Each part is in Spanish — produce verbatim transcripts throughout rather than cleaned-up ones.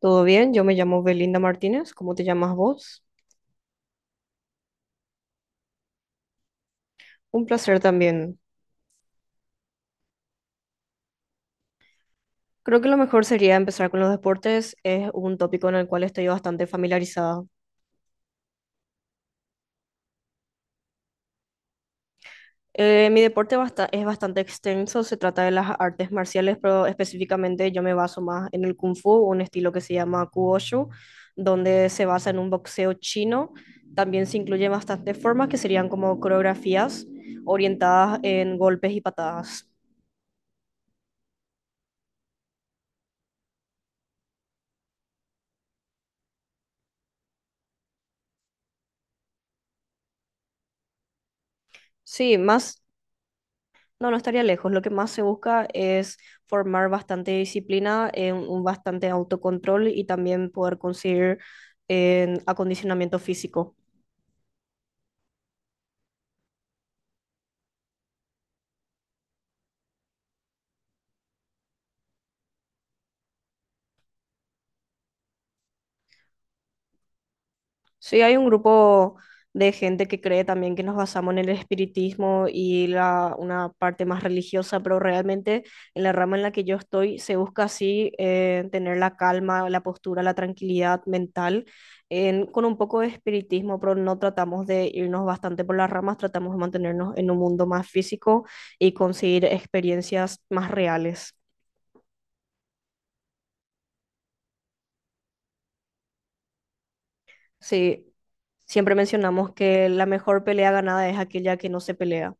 Todo bien, yo me llamo Belinda Martínez, ¿cómo te llamas vos? Un placer también. Creo que lo mejor sería empezar con los deportes, es un tópico en el cual estoy bastante familiarizada. Eh, mi deporte basta- es bastante extenso, se trata de las artes marciales, pero específicamente yo me baso más en el Kung Fu, un estilo que se llama Kuoshu, donde se basa en un boxeo chino. También se incluyen bastantes formas que serían como coreografías orientadas en golpes y patadas. Sí, más. No, no estaría lejos. Lo que más se busca es formar bastante disciplina, eh, un bastante autocontrol y también poder conseguir eh, acondicionamiento físico. Sí, hay un grupo de gente que cree también que nos basamos en el espiritismo y la, una parte más religiosa, pero realmente en la rama en la que yo estoy se busca así eh, tener la calma, la postura, la tranquilidad mental en- con un poco de espiritismo, pero no tratamos de irnos bastante por las ramas, tratamos de mantenernos en un mundo más físico y conseguir experiencias más reales. Sí, siempre mencionamos que la mejor pelea ganada es aquella que no se pelea.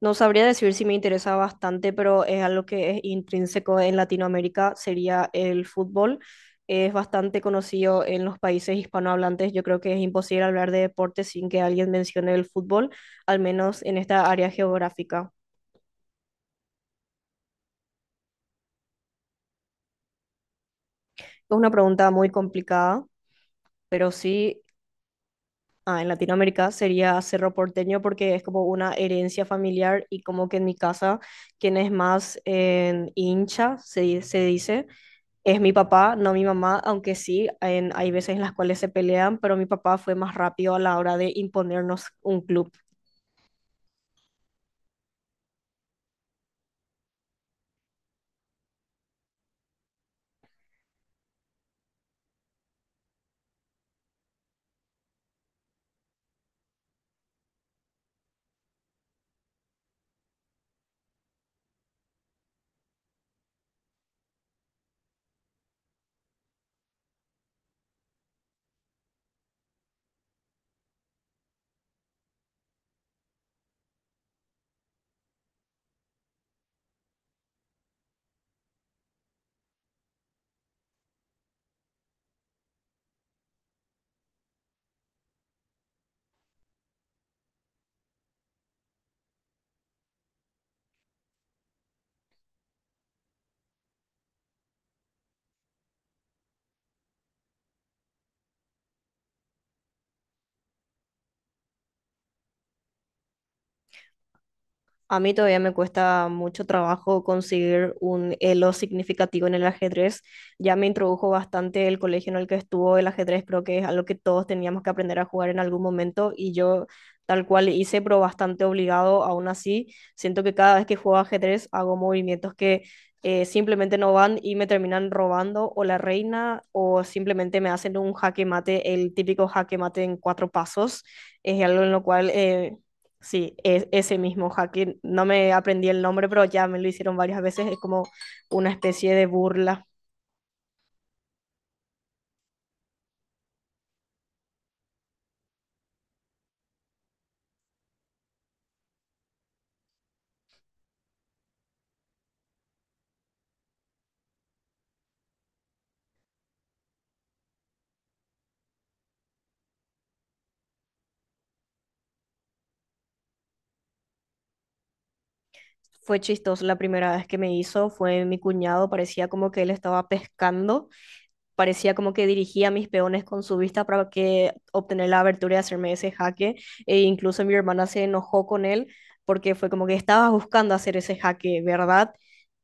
No sabría decir si me interesa bastante, pero es algo que es intrínseco en Latinoamérica, sería el fútbol. Es bastante conocido en los países hispanohablantes. Yo creo que es imposible hablar de deporte sin que alguien mencione el fútbol, al menos en esta área geográfica. Es una pregunta muy complicada, pero sí, ah, en Latinoamérica sería Cerro Porteño porque es como una herencia familiar y como que en mi casa, quien es más eh, hincha, se, di- se dice. Es mi papá, no mi mamá, aunque sí, en- hay veces en las cuales se pelean, pero mi papá fue más rápido a la hora de imponernos un club. A mí todavía me cuesta mucho trabajo conseguir un elo significativo en el ajedrez. Ya me introdujo bastante el colegio en el que estuvo el ajedrez, creo que es algo que todos teníamos que aprender a jugar en algún momento y yo tal cual hice, pero bastante obligado aún así. Siento que cada vez que juego ajedrez hago movimientos que eh, simplemente no van y me terminan robando o la reina o simplemente me hacen un jaque mate, el típico jaque mate en cuatro pasos. Es algo en lo cual. eh, Sí, es ese mismo hacking. No me aprendí el nombre, pero ya me lo hicieron varias veces. Es como una especie de burla. Fue chistoso la primera vez que me hizo, fue mi cuñado, parecía como que él estaba pescando. Parecía como que dirigía a mis peones con su vista para que obtener la abertura y hacerme ese jaque. E incluso mi hermana se enojó con él porque fue como que estabas buscando hacer ese jaque, ¿verdad?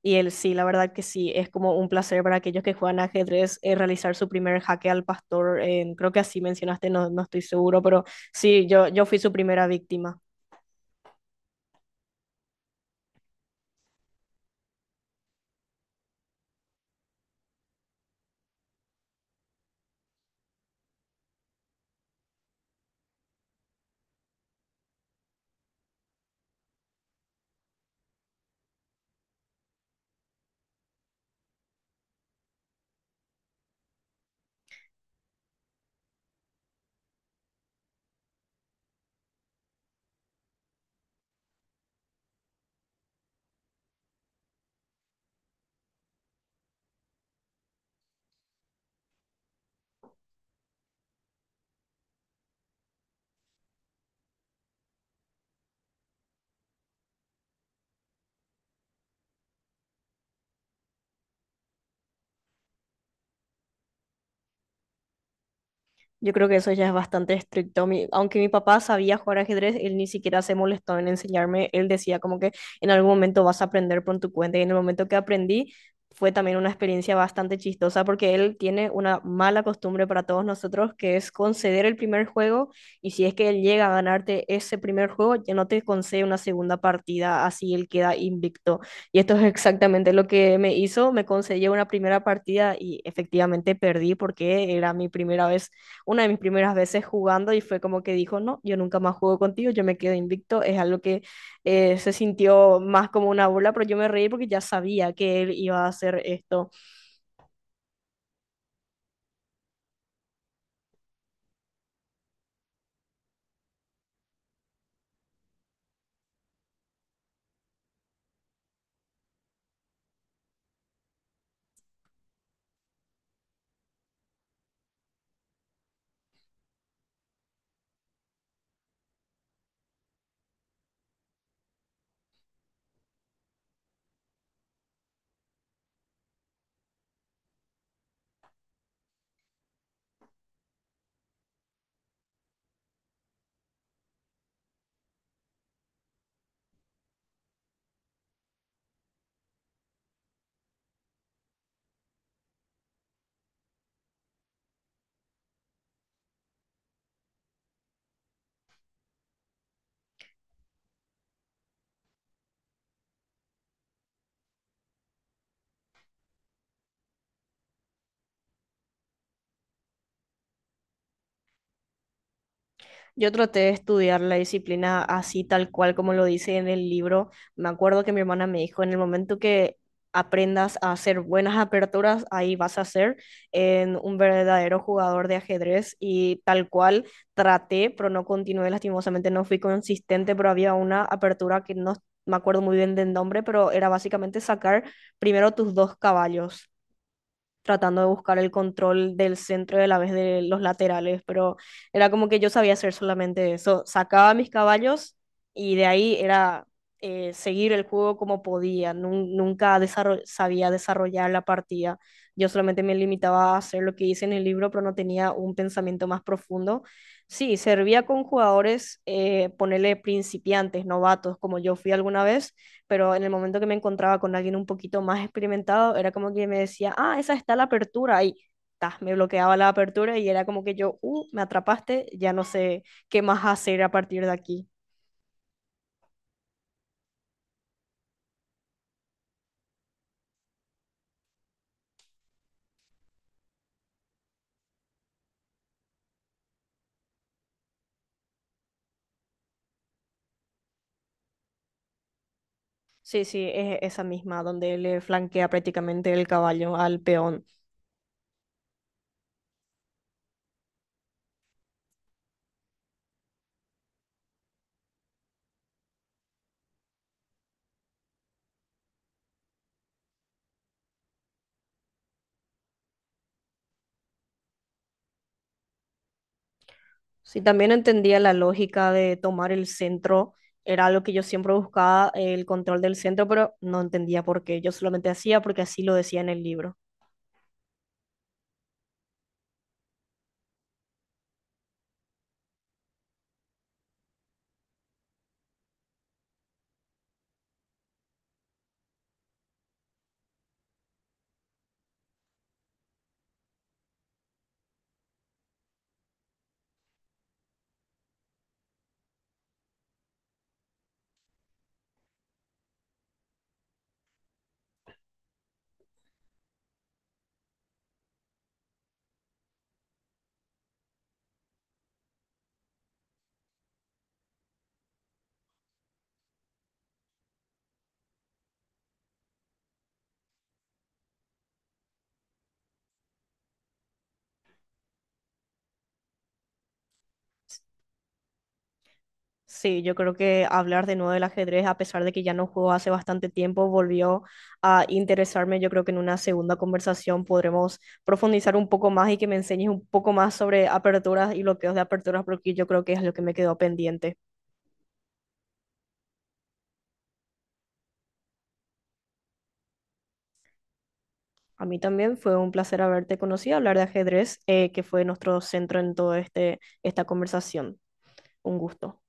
Y él sí, la verdad que sí, es como un placer para aquellos que juegan ajedrez eh, realizar su primer jaque al pastor. Eh, creo que así mencionaste, no, no estoy seguro, pero sí, yo, yo fui su primera víctima. Yo creo que eso ya es bastante estricto. Mi- aunque mi papá sabía jugar ajedrez, él ni siquiera se molestó en enseñarme. Él decía como que en algún momento vas a aprender por tu cuenta. Y en el momento que aprendí, fue también una experiencia bastante chistosa porque él tiene una mala costumbre para todos nosotros, que es conceder el primer juego. Y si es que él llega a ganarte ese primer juego, ya no te concede una segunda partida, así él queda invicto. Y esto es exactamente lo que me hizo. Me concedió una primera partida y efectivamente perdí porque era mi primera vez, una de mis primeras veces jugando y fue como que dijo, no, yo nunca más juego contigo, yo me quedo invicto, es algo que eh, se sintió más como una burla, pero yo me reí porque ya sabía que él iba a hacer esto. Yo traté de estudiar la disciplina así tal cual como lo dice en el libro. Me acuerdo que mi hermana me dijo, en el momento que aprendas a hacer buenas aperturas, ahí vas a ser en un verdadero jugador de ajedrez y tal cual traté, pero no continué, lastimosamente no fui consistente, pero había una apertura que no me acuerdo muy bien del nombre, pero era básicamente sacar primero tus dos caballos tratando de buscar el control del centro y a la vez de los laterales, pero era como que yo sabía hacer solamente eso. Sacaba mis caballos y de ahí era eh, seguir el juego como podía. Nun- nunca desarro- sabía desarrollar la partida. Yo solamente me limitaba a hacer lo que hice en el libro, pero no tenía un pensamiento más profundo. Sí, servía con jugadores, eh, ponerle principiantes, novatos, como yo fui alguna vez, pero en el momento que me encontraba con alguien un poquito más experimentado, era como que me decía, ah, esa está la apertura, y ta, me bloqueaba la apertura y era como que yo, uh, me atrapaste, ya no sé qué más hacer a partir de aquí. Sí, sí, es esa misma, donde le flanquea prácticamente el caballo al peón. Sí, también entendía la lógica de tomar el centro, era algo que yo siempre buscaba, el control del centro, pero no entendía por qué, yo solamente hacía porque así lo decía en el libro. Sí, yo creo que hablar de nuevo del ajedrez, a pesar de que ya no juego hace bastante tiempo, volvió a interesarme. Yo creo que en una segunda conversación podremos profundizar un poco más y que me enseñes un poco más sobre aperturas y bloqueos de aperturas, porque yo creo que es lo que me quedó pendiente. A mí también fue un placer haberte conocido, hablar de ajedrez, eh, que fue nuestro centro en todo este, esta conversación. Un gusto.